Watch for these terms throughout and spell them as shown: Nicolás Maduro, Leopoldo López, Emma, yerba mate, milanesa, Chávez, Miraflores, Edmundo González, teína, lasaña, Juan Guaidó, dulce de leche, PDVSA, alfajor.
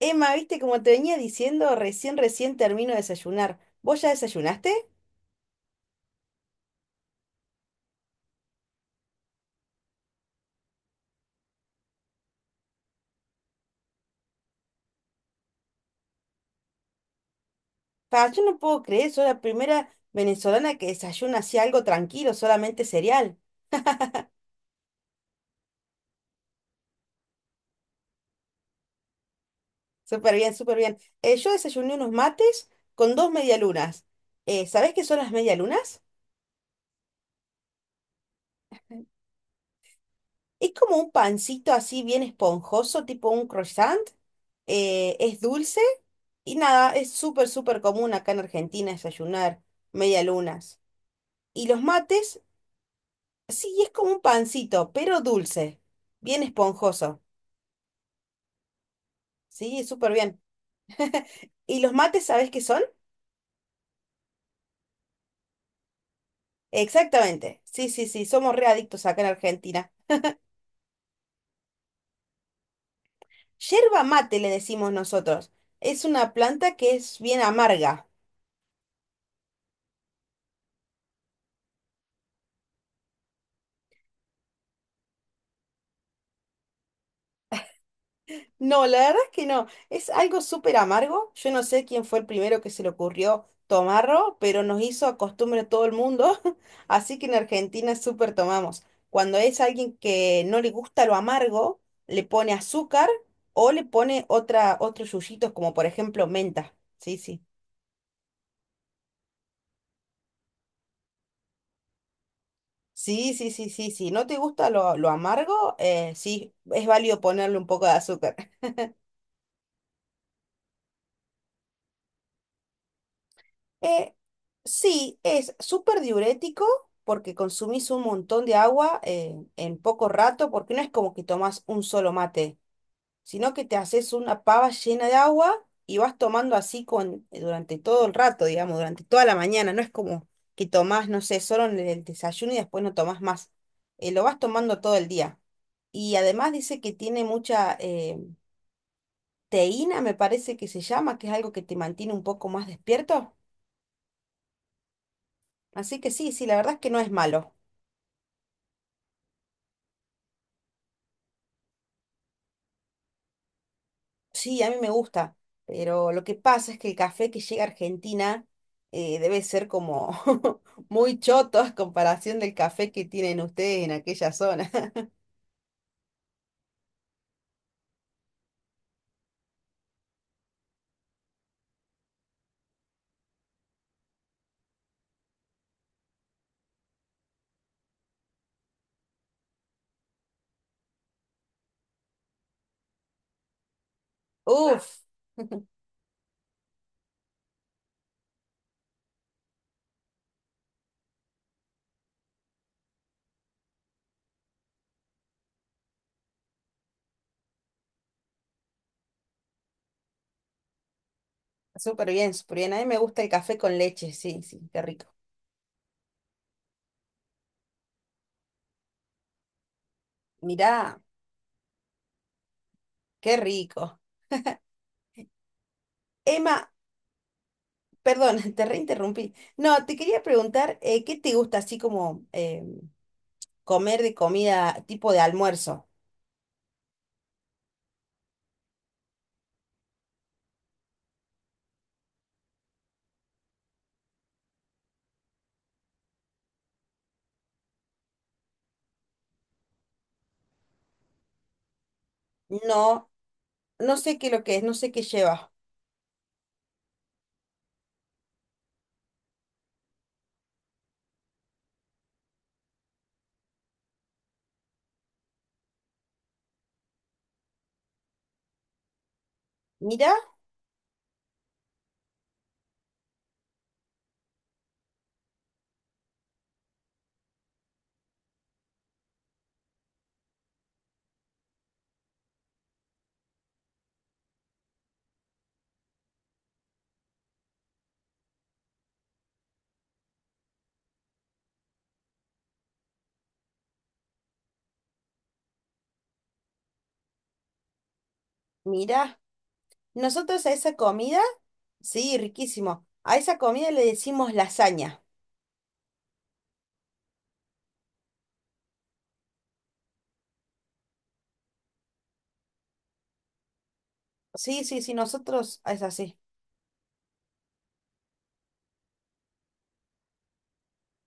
Emma, viste, como te venía diciendo, recién termino de desayunar. ¿Vos ya desayunaste? Pa, yo no puedo creer, soy la primera venezolana que desayuna así algo tranquilo, solamente cereal. Súper bien, súper bien. Yo desayuné unos mates con dos medialunas. ¿Sabés qué son las medialunas? Es como un pancito así bien esponjoso, tipo un croissant. Es dulce y nada, es súper, súper común acá en Argentina desayunar medialunas. Y los mates sí, es como un pancito, pero dulce, bien esponjoso. Sí, súper bien. ¿Y los mates, sabés qué son? Exactamente. Sí, sí, sí, somos re adictos acá en Argentina. Yerba mate le decimos nosotros. Es una planta que es bien amarga. No, la verdad es que no. Es algo súper amargo. Yo no sé quién fue el primero que se le ocurrió tomarlo, pero nos hizo costumbre todo el mundo. Así que en Argentina súper tomamos. Cuando es alguien que no le gusta lo amargo, le pone azúcar o le pone otra, otros yuyitos, como por ejemplo menta. Sí, sí. Sí, sí, sí, sí, sí. ¿No te gusta lo amargo? Sí, es válido ponerle un poco de azúcar. Eh, sí, es súper diurético porque consumís un montón de agua en poco rato, porque no es como que tomás un solo mate, sino que te haces una pava llena de agua y vas tomando así con, durante todo el rato, digamos, durante toda la mañana. No es como que tomás, no sé, solo en el desayuno y después no tomás más. Lo vas tomando todo el día. Y además dice que tiene mucha teína, me parece que se llama, que es algo que te mantiene un poco más despierto. Así que sí, sí, la verdad es que no es malo. Sí, a mí me gusta, pero lo que pasa es que el café que llega a Argentina debe ser como muy choto a comparación del café que tienen ustedes en aquella zona. Uf, súper bien, súper bien. A mí me gusta el café con leche, sí, sí, qué rico. Mirá, qué rico. Emma, perdón, te reinterrumpí. No, te quería preguntar, ¿qué te gusta así como comer de comida tipo de almuerzo? No, no sé qué lo que es, no sé qué lleva. Mira, mira, nosotros a esa comida, sí, riquísimo. A esa comida le decimos lasaña. Sí, sí, sí, nosotros es así,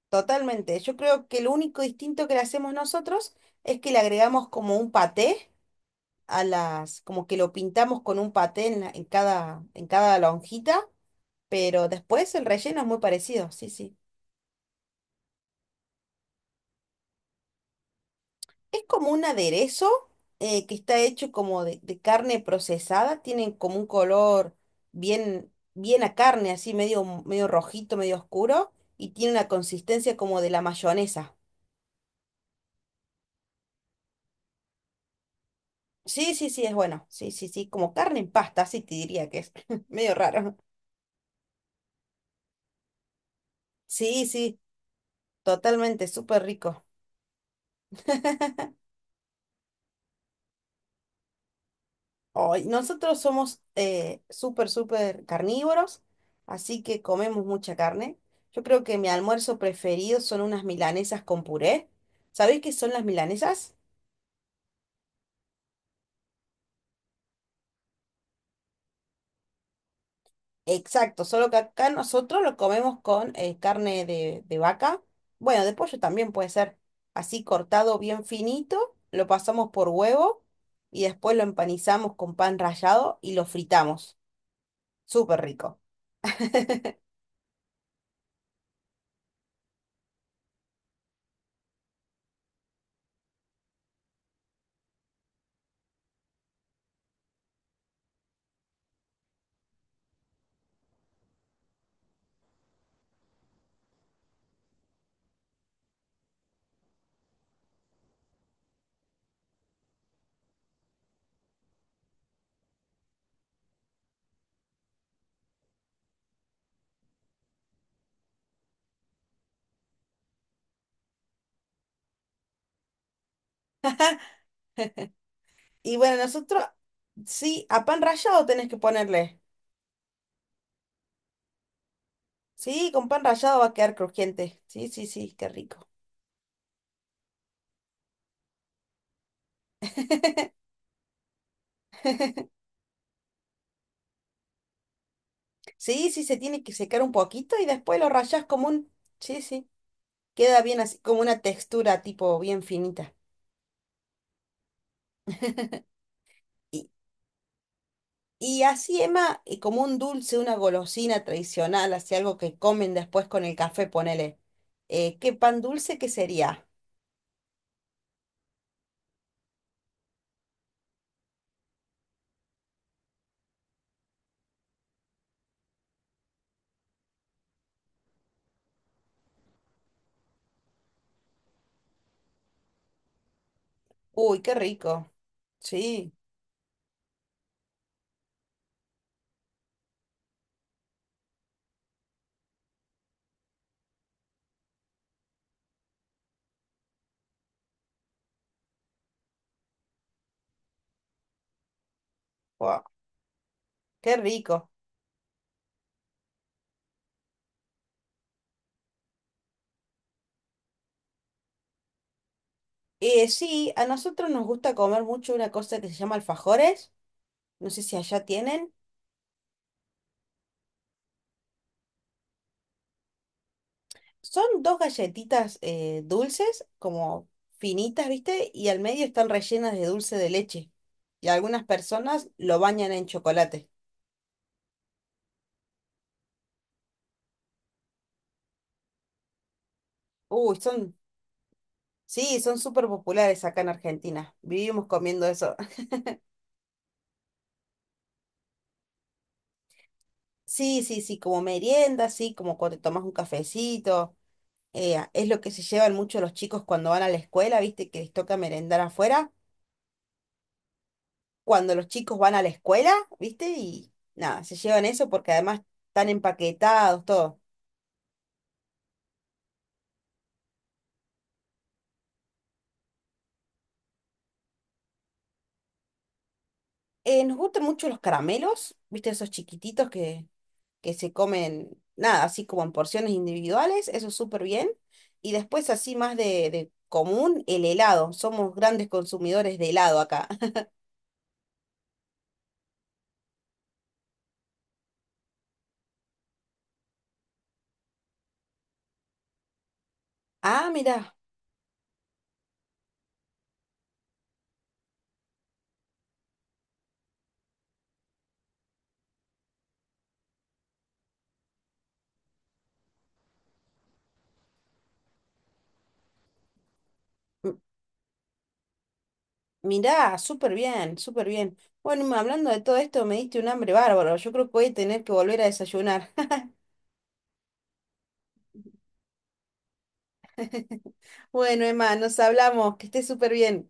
totalmente. Yo creo que lo único distinto que le hacemos nosotros es que le agregamos como un paté a las, como que lo pintamos con un paté en, la- en cada lonjita, pero después el relleno es muy parecido, sí, sí. Es como un aderezo que está hecho como de carne procesada, tienen como un color bien, bien a carne, así medio, medio rojito, medio oscuro, y tiene una consistencia como de la mayonesa. Sí, sí, sí, es bueno. Sí, sí, sí, como carne en pasta, así te diría que es medio raro. Sí, sí, totalmente, súper rico. Ay, nosotros somos súper, súper carnívoros, así que comemos mucha carne. Yo creo que mi almuerzo preferido son unas milanesas con puré. ¿Sabéis qué son las milanesas? Exacto, solo que acá nosotros lo comemos con carne de vaca. Bueno, de pollo también puede ser así cortado bien finito, lo pasamos por huevo y después lo empanizamos con pan rallado y lo fritamos. Súper rico. Y bueno, nosotros sí, a pan rallado tenés que ponerle. Sí, con pan rallado va a quedar crujiente. Sí, sí, sí, qué rico. Sí, sí, se tiene que secar un poquito y después lo rallás como un... Sí, sí, queda bien así, como una textura tipo bien finita. Y, y así, Emma, y como un dulce, una golosina tradicional, así algo que comen después con el café, ponele. ¿Qué pan dulce que sería? Uy, qué rico. Sí, guau, qué rico. Sí, a nosotros nos gusta comer mucho una cosa que se llama alfajores. No sé si allá tienen. Son dos galletitas dulces, como finitas, ¿viste? Y al medio están rellenas de dulce de leche. Y algunas personas lo bañan en chocolate. Uy, son, sí, son súper populares acá en Argentina. Vivimos comiendo eso. Sí, sí, sí, como merienda, sí, como cuando te tomas un cafecito. Es lo que se llevan mucho los chicos cuando van a la escuela, ¿viste? Que les toca merendar afuera. Cuando los chicos van a la escuela, ¿viste? Y nada, se llevan eso porque además están empaquetados, todo. Nos gustan mucho los caramelos, ¿viste? Esos chiquititos que se comen, nada, así como en porciones individuales, eso súper bien. Y después así más de común, el helado. Somos grandes consumidores de helado acá. Ah, mirá, m- mirá, súper bien, súper bien. Bueno, Emma, hablando de todo esto, me diste un hambre bárbaro. Yo creo que voy a tener que volver a desayunar. Bueno, Emma, nos hablamos, que estés súper bien.